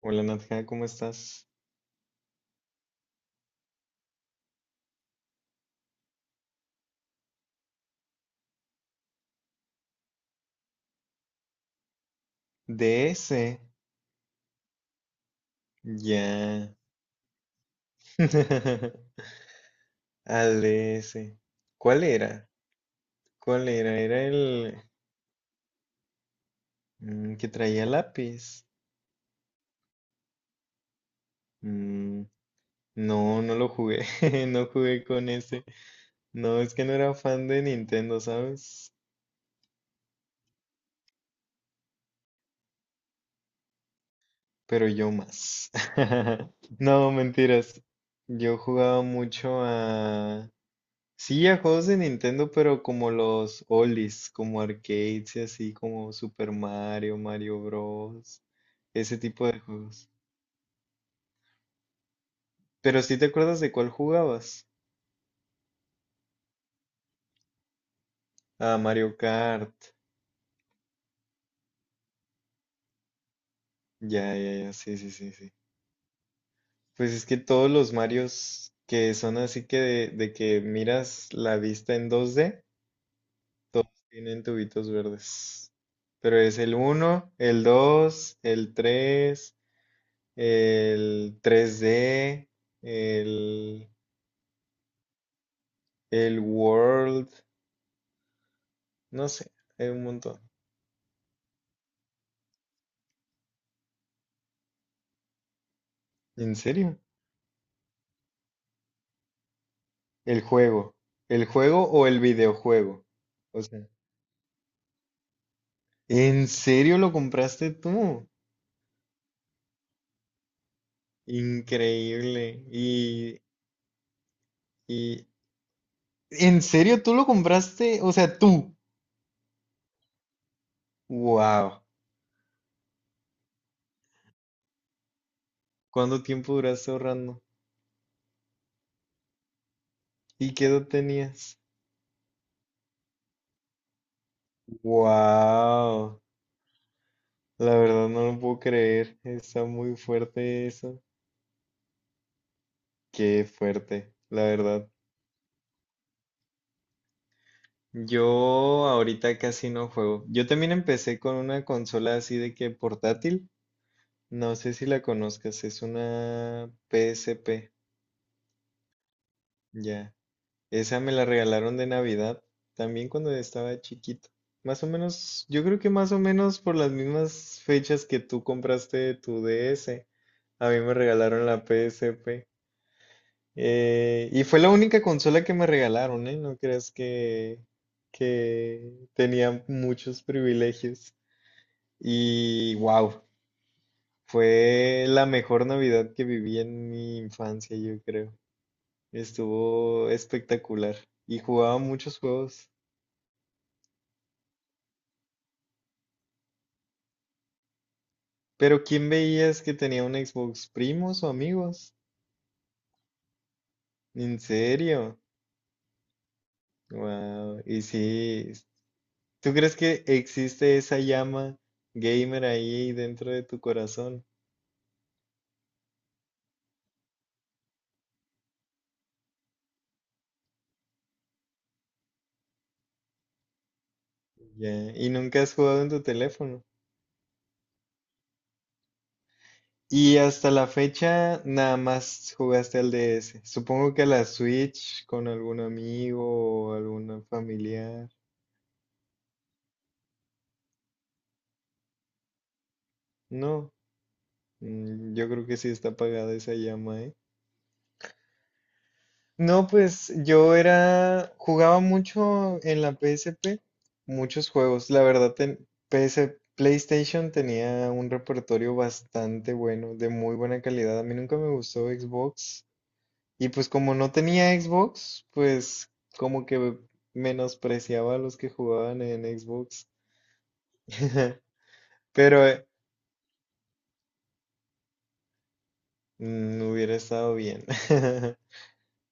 Hola Nadja, ¿cómo estás? DS. Ya. Al DS. ¿Cuál era? ¿Cuál era? Era el que traía lápiz. Mm, no, no lo jugué. No jugué con ese. No, es que no era fan de Nintendo, ¿sabes? Pero yo más. No, mentiras. Yo jugaba mucho a, sí, a juegos de Nintendo, pero como los oldies, como arcades y así, como Super Mario, Mario Bros. Ese tipo de juegos. Pero sí te acuerdas de cuál jugabas. Ah, Mario Kart. Ya, ya, ya, sí, sí, sí, sí. Pues es que todos los Marios que son así que de que miras la vista en 2D, todos tienen tubitos verdes. Pero es el uno, el 2, el 3. El 3D, el, el World, no sé, hay un montón. ¿En serio? El juego. ¿El juego o el videojuego? O sea, ¿en serio lo compraste tú? Increíble. Y, ¿en serio tú lo compraste? O sea, tú. Wow. ¿Cuánto tiempo duraste ahorrando? ¿Y qué edad tenías? Wow. La verdad no lo puedo creer. Está muy fuerte eso. Qué fuerte, la verdad. Yo ahorita casi no juego. Yo también empecé con una consola así de que portátil. No sé si la conozcas, es una PSP, ya. Esa me la regalaron de Navidad, también cuando estaba chiquito. Más o menos, yo creo que más o menos por las mismas fechas que tú compraste tu DS, a mí me regalaron la PSP. Y fue la única consola que me regalaron, ¿eh? No creas que tenía muchos privilegios. Y wow, fue la mejor Navidad que viví en mi infancia, yo creo. Estuvo espectacular. Y jugaba muchos juegos. Pero ¿quién veías que tenía un Xbox? ¿Primos o amigos? ¿En serio? Wow. Y sí, ¿tú crees que existe esa llama gamer ahí dentro de tu corazón? Ya, y nunca has jugado en tu teléfono. Y hasta la fecha nada más jugaste al DS. Supongo que a la Switch con algún amigo o algún familiar. No, yo creo que sí está apagada esa llama, ¿eh? No, pues yo era, jugaba mucho en la PSP, muchos juegos. La verdad, PS PlayStation tenía un repertorio bastante bueno, de muy buena calidad. A mí nunca me gustó Xbox. Y pues como no tenía Xbox, pues como que menospreciaba a los que jugaban en Xbox. Pero hubiera estado bien.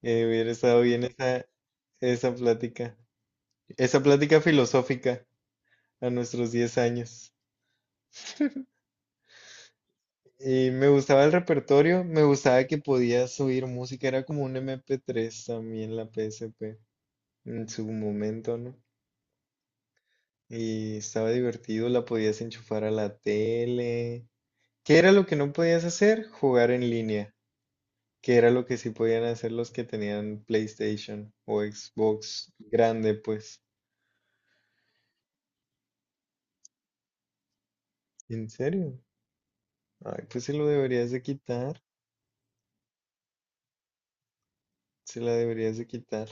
Hubiera estado bien esa plática. Esa plática filosófica a nuestros 10 años. Y me gustaba el repertorio, me gustaba que podías subir música, era como un MP3 también la PSP en su momento, ¿no? Y estaba divertido, la podías enchufar a la tele. ¿Qué era lo que no podías hacer? Jugar en línea. ¿Qué era lo que sí podían hacer los que tenían PlayStation o Xbox grande, pues? ¿En serio? Ay, pues se lo deberías de quitar. Se la deberías de quitar.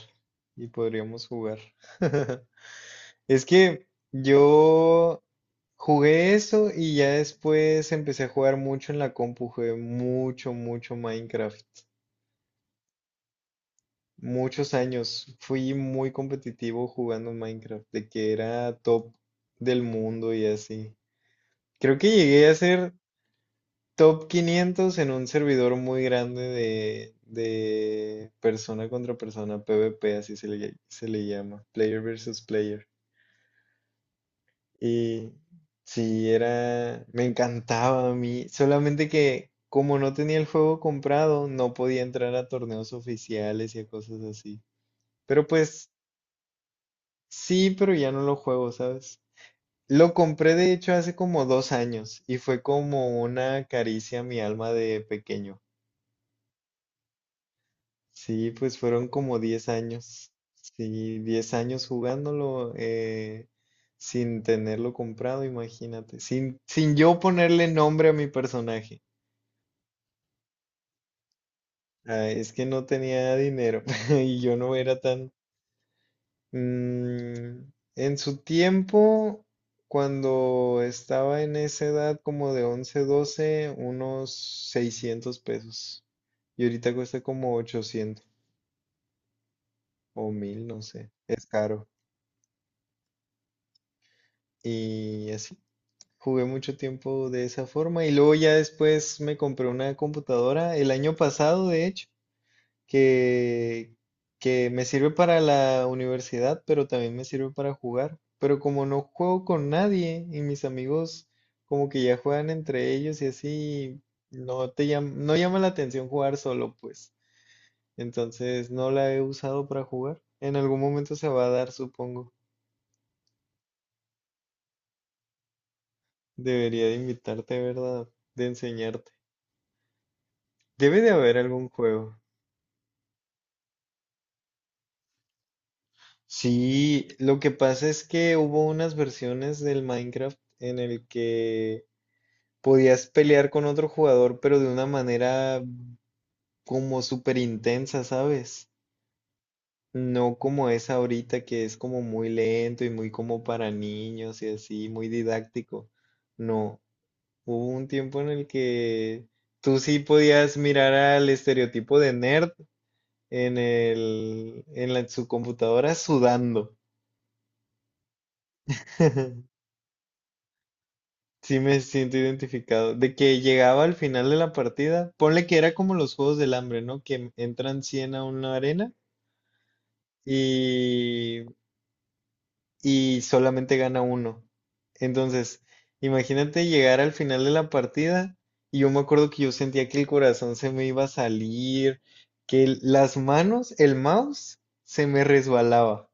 Y podríamos jugar. Es que yo jugué eso y ya después empecé a jugar mucho en la compu. Jugué mucho, mucho Minecraft. Muchos años fui muy competitivo jugando Minecraft, de que era top del mundo y así. Creo que llegué a ser top 500 en un servidor muy grande de persona contra persona, PvP, así se le llama, player versus player. Y sí, era, me encantaba a mí, solamente que como no tenía el juego comprado, no podía entrar a torneos oficiales y a cosas así. Pero pues sí, pero ya no lo juego, ¿sabes? Lo compré de hecho hace como 2 años y fue como una caricia a mi alma de pequeño. Sí, pues fueron como 10 años. Sí, 10 años jugándolo, sin tenerlo comprado, imagínate. Sin yo ponerle nombre a mi personaje. Ah, es que no tenía dinero y yo no era tan. Mm, en su tiempo, cuando estaba en esa edad como de 11, 12, unos 600 pesos. Y ahorita cuesta como 800 o mil, no sé. Es caro. Y así. Jugué mucho tiempo de esa forma. Y luego ya después me compré una computadora el año pasado, de hecho. que, que me sirve para la universidad, pero también me sirve para jugar. Pero como no juego con nadie y mis amigos como que ya juegan entre ellos y así, no llama la atención jugar solo, pues. Entonces no la he usado para jugar. En algún momento se va a dar, supongo. Debería de invitarte, ¿verdad? De enseñarte. Debe de haber algún juego. Sí, lo que pasa es que hubo unas versiones del Minecraft en el que podías pelear con otro jugador, pero de una manera como súper intensa, ¿sabes? No como es ahorita, que es como muy lento y muy como para niños y así, muy didáctico. No, hubo un tiempo en el que tú sí podías mirar al estereotipo de nerd en su computadora sudando. Sí me siento identificado. De que llegaba al final de la partida, ponle que era como los Juegos del Hambre, ¿no? Que entran 100 a una arena y, y solamente gana uno. Entonces, imagínate llegar al final de la partida y yo me acuerdo que yo sentía que el corazón se me iba a salir, las manos, el mouse, se me resbalaba.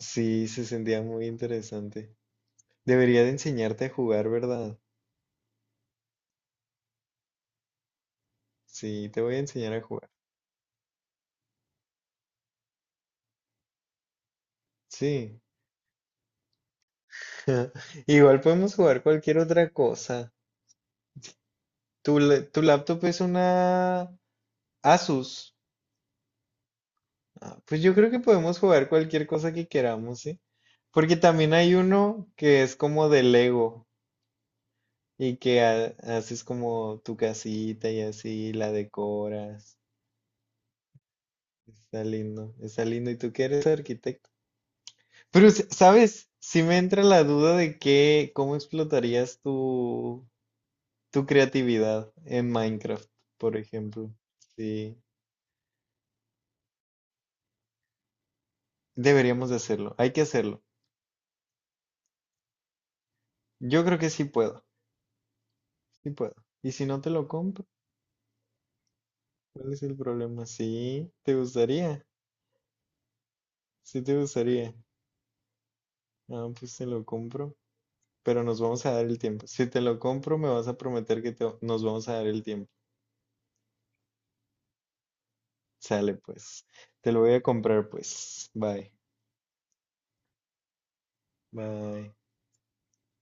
Sí, se sentía muy interesante. Debería de enseñarte a jugar, ¿verdad? Sí, te voy a enseñar a jugar. Sí. Igual podemos jugar cualquier otra cosa. Tu laptop es una Asus. Ah, pues yo creo que podemos jugar cualquier cosa que queramos, ¿sí? Porque también hay uno que es como de Lego y que haces como tu casita y así la decoras. Está lindo, está lindo. ¿Y tú que eres arquitecto? Pero, ¿sabes? Si me entra la duda de qué, cómo explotarías tu, creatividad en Minecraft, por ejemplo. Sí, deberíamos de hacerlo. Hay que hacerlo. Yo creo que sí puedo. Sí puedo. Y si no te lo compro, ¿cuál es el problema? Sí, te gustaría. Sí te gustaría. Ah, pues te lo compro. Pero nos vamos a dar el tiempo. Si te lo compro, me vas a prometer que nos vamos a dar el tiempo. Sale, pues. Te lo voy a comprar, pues. Bye. Bye.